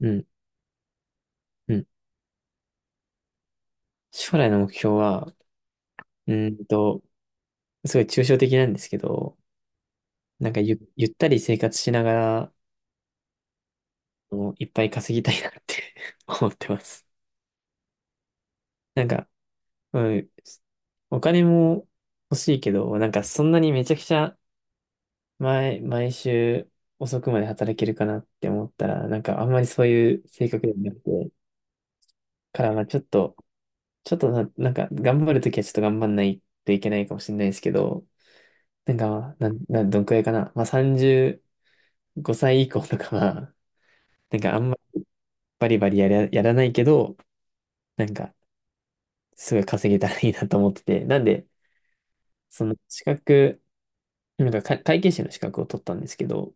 うん、うん。将来の目標は、うーんと、すごい抽象的なんですけど、なんかゆったり生活しながら、いっぱい稼ぎたいなって 思ってます。なんか、うん、お金も欲しいけど、なんかそんなにめちゃくちゃ毎週遅くまで働けるかなって思ったら、なんかあんまりそういう性格ではなくて、からまあちょっと、なんか頑張るときはちょっと頑張んないといけないかもしれないですけど、なんか、なん、なん、どんくらいかな。まあ、35歳以降とかは、なんかあんまりバリバリやらないけど、なんか、すごい稼げたらいいなと思ってて。なんで、その資格、なんか、会計士の資格を取ったんですけど、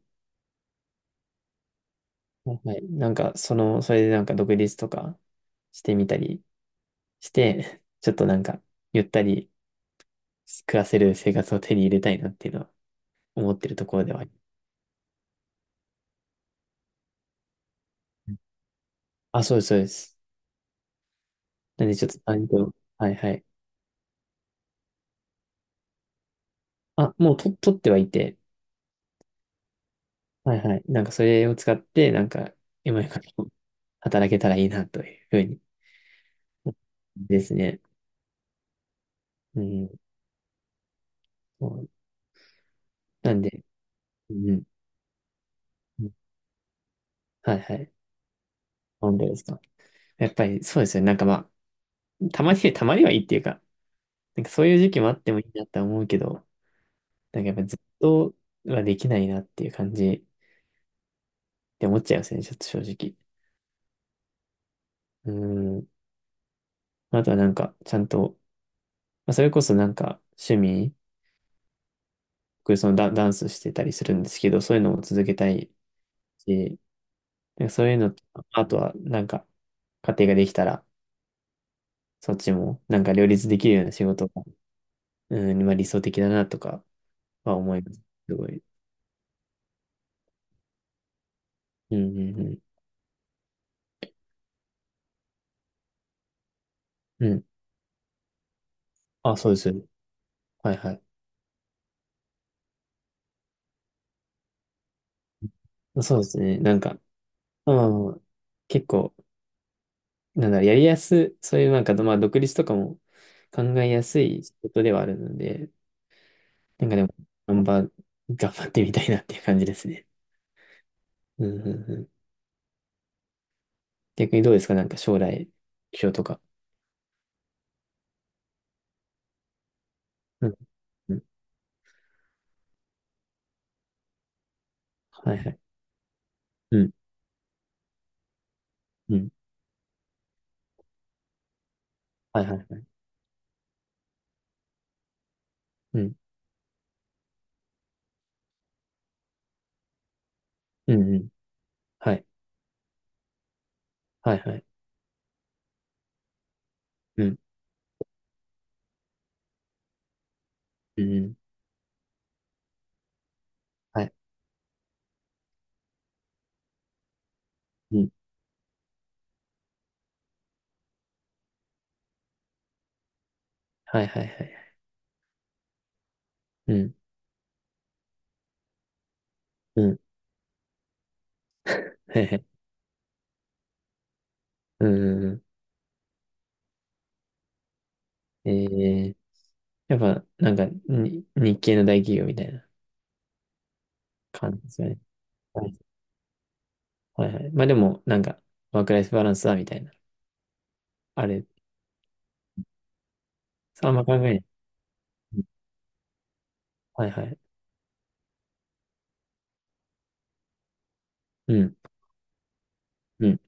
はい。なんか、その、それでなんか独立とかしてみたりして、ちょっとなんか、ゆったり暮らせる生活を手に入れたいなっていうのは思ってるところではあり。あ、そうです、そうです。なんで、ちょっと、はい、はい。あ、もうと、取ってはいて、はいはい。なんかそれを使って、なんか、今よりも働けたらいいなというふうにですね。うん。そう。なんで、うん。うん、はいはい。なんでですか。やっぱりそうですよね。なんかまあ、たまにはいいっていうか、なんかそういう時期もあってもいいなって思うけど、なんかやっぱずっとはできないなっていう感じって思っちゃいますね。ちょっと正直。うん。あとはなんか、ちゃんと、まあ、それこそなんか趣味、僕そのダンスしてたりするんですけど、そういうのも続けたいし、でそういうのと、あとは、なんか、家庭ができたら、そっちも、なんか両立できるような仕事が、うん、まあ理想的だなとかは思います。すごい。うん、うん、うん。うん。あ、そうです。はい、はい。そうですね。なんか、まあまあまあ、結構、なんだろう、やりやす、そういうなんか、まあ、独立とかも考えやすい仕事ではあるので、なんかでも、頑張、頑張ってみたいなっていう感じですね。うん、うん、うん。逆にどうですか？なんか将来、目標とか。うん、うん。はい、はい。うん。うん、はいはいはい。うん。うんうん。はい。はいはい。うん。うんうん。はい。うん。はいはいはい。うん。うん。はいはい。うんうんうん。やっぱ、なんか、日系の大企業みたいな感じですよね。はい。はいはい。まあでも、なんか、ワークライフバランスだみたいな。あれ、あんま考えない。うん、はいはい。うん。うん。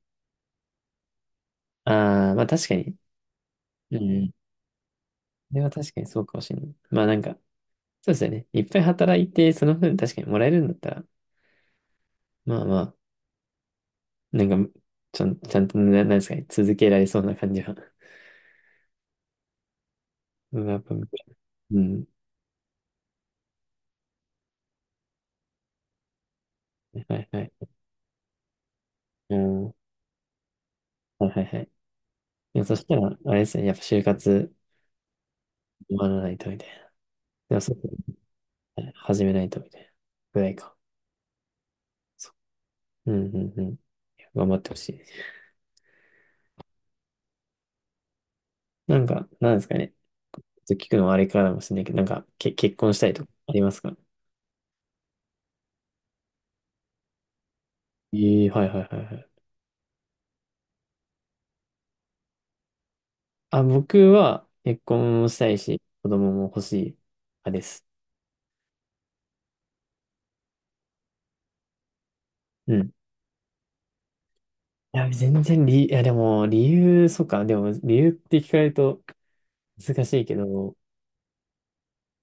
ああ、まあ確かに。うんうん。それは確かにそうかもしれない。まあなんか、そうですよね。いっぱい働いて、その分確かにもらえるんだったら、まあまあ、なんか、ちゃんとねな、なんですかね、続けられそうな感じは。うん、やっぱ、うん、はいはい。うん、はいはいはい。いや、そしたら、あれですね、やっぱ就活終わらないとみたいな。でもそうですね始めないとみたいな。ぐらいか。そう。うんうんうん。頑張ってほしい。なんか、なんですかね。ちょっと聞くのはあれからかもしれないけど、なんか、結婚したいとかありますか？ええ、はいはいはいはい。あ、僕は結婚もしたいし、子供も欲しい派です。うん、いや、全然理、いや、でも、理由、そうか、でも、理由って聞かれると難しいけど、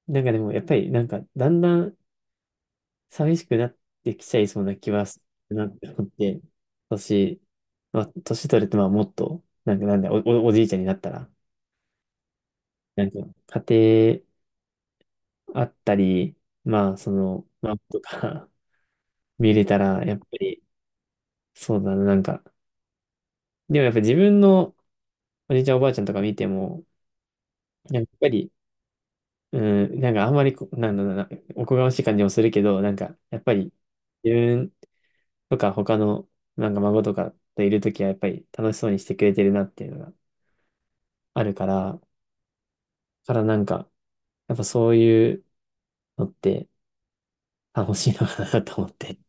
なんかでも、やっぱり、なんか、だんだん寂しくなってきちゃいそうな気はするなって思って、年、まあ、年取ると、まあ、もっと、なんか、なんだ、おじいちゃんになったら、なんか、家庭あったり、まあ、その、まあ、とか 見れたら、やっぱり、そうだな、なんか、でもやっぱ自分のおじいちゃん、おばあちゃんとか見ても、やっぱり、うん、なんかあんまりなんだろうな、おこがましい感じもするけど、なんか、やっぱり、自分とか他の、なんか孫とかといるときは、やっぱり楽しそうにしてくれてるなっていうのがあるから、なんか、やっぱそういうのって楽しいのかなと思って。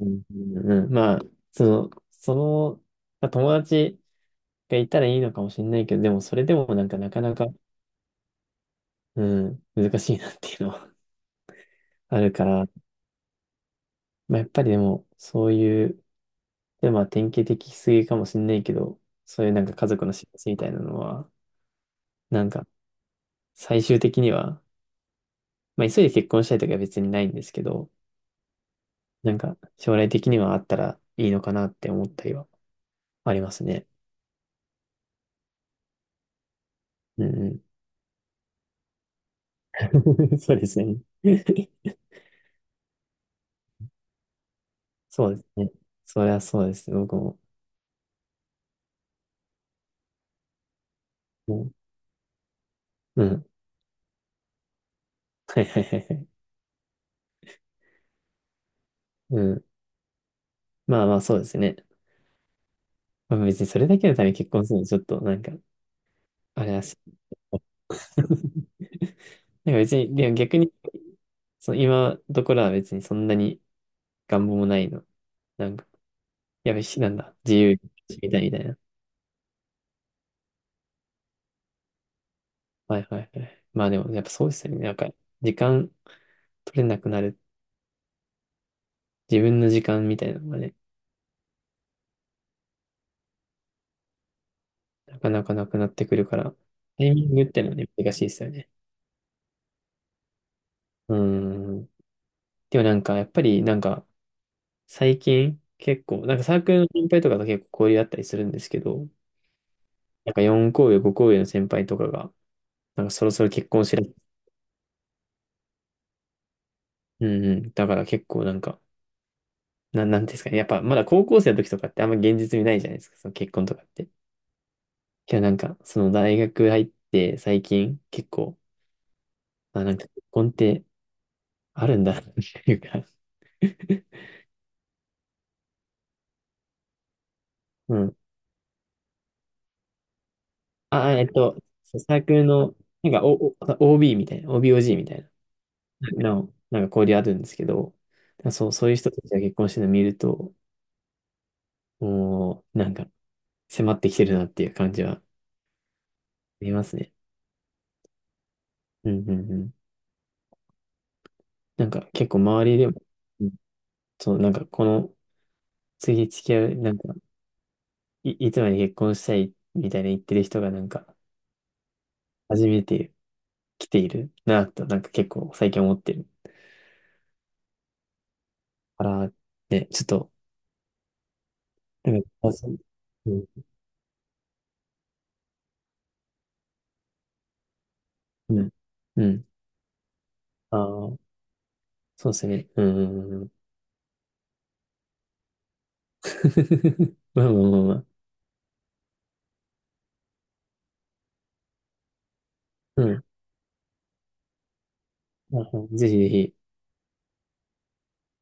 うん、うんうん、まあ、その、まあ友達がいたらいいのかもしれないけど、でもそれでもなんかなかなか、うん、難しいなっていうのはあるから、まあ、やっぱりでも、そういう、で、まあ、典型的すぎかもしんないけど、そういうなんか家族の幸せみたいなのは、なんか、最終的には、まあ、急いで結婚したいとかは別にないんですけど、なんか、将来的にはあったらいいのかなって思ったりはありますね。うんうん。そうですね。そうですね。そりゃそうですね。僕も。うん。うん はいはいはいはい。うん。まあまあ、そうですね。まあ、別にそれだけのために結婚するのちょっと、なんか、あれだし。なんか別に、でも逆に、その今どころは別にそんなに願望もないの。なんか、やべし、なんだ、自由にしてみたいみたいな。はいはいはい。まあでも、やっぱそうですよね。なんか、時間取れなくなる。自分の時間みたいなのがね、なかなかなくなってくるから、タイミングってのはね、難しいですよね。うーん。でもなんか、やっぱりなんか、最近結構、なんかサークルの先輩とかと結構交流あったりするんですけど、なんか4校上、5校上の先輩とかが、なんかそろそろ結婚しら、うんうん。だから結構なんか、なんていうんですかね。やっぱまだ高校生の時とかってあんま現実味ないじゃないですか。その結婚とかって。けどなんか、その大学入って最近結構、あ、なんか結婚ってあるんだなっていうか うん。サークルの、なんか、OB みたいな、OBOG みたいな、の、なんか交流あるんですけど、そういう人たちが結婚してるの見ると、もう、なんか、迫ってきてるなっていう感じはありますね。うんうんうん。なんか、結構周りでも、そう、なんかこの、次付き合う、なんか、いつまで結婚したいみたいな言ってる人がなんか、初めて来ているなぁと、なんか結構最近思ってるから、ね、ちょっと、なんか、あそう、うん、うん、うん、ああ、そうですね、うん、うんうんうん まあまあまあまあ、うん、まあぜひぜひ。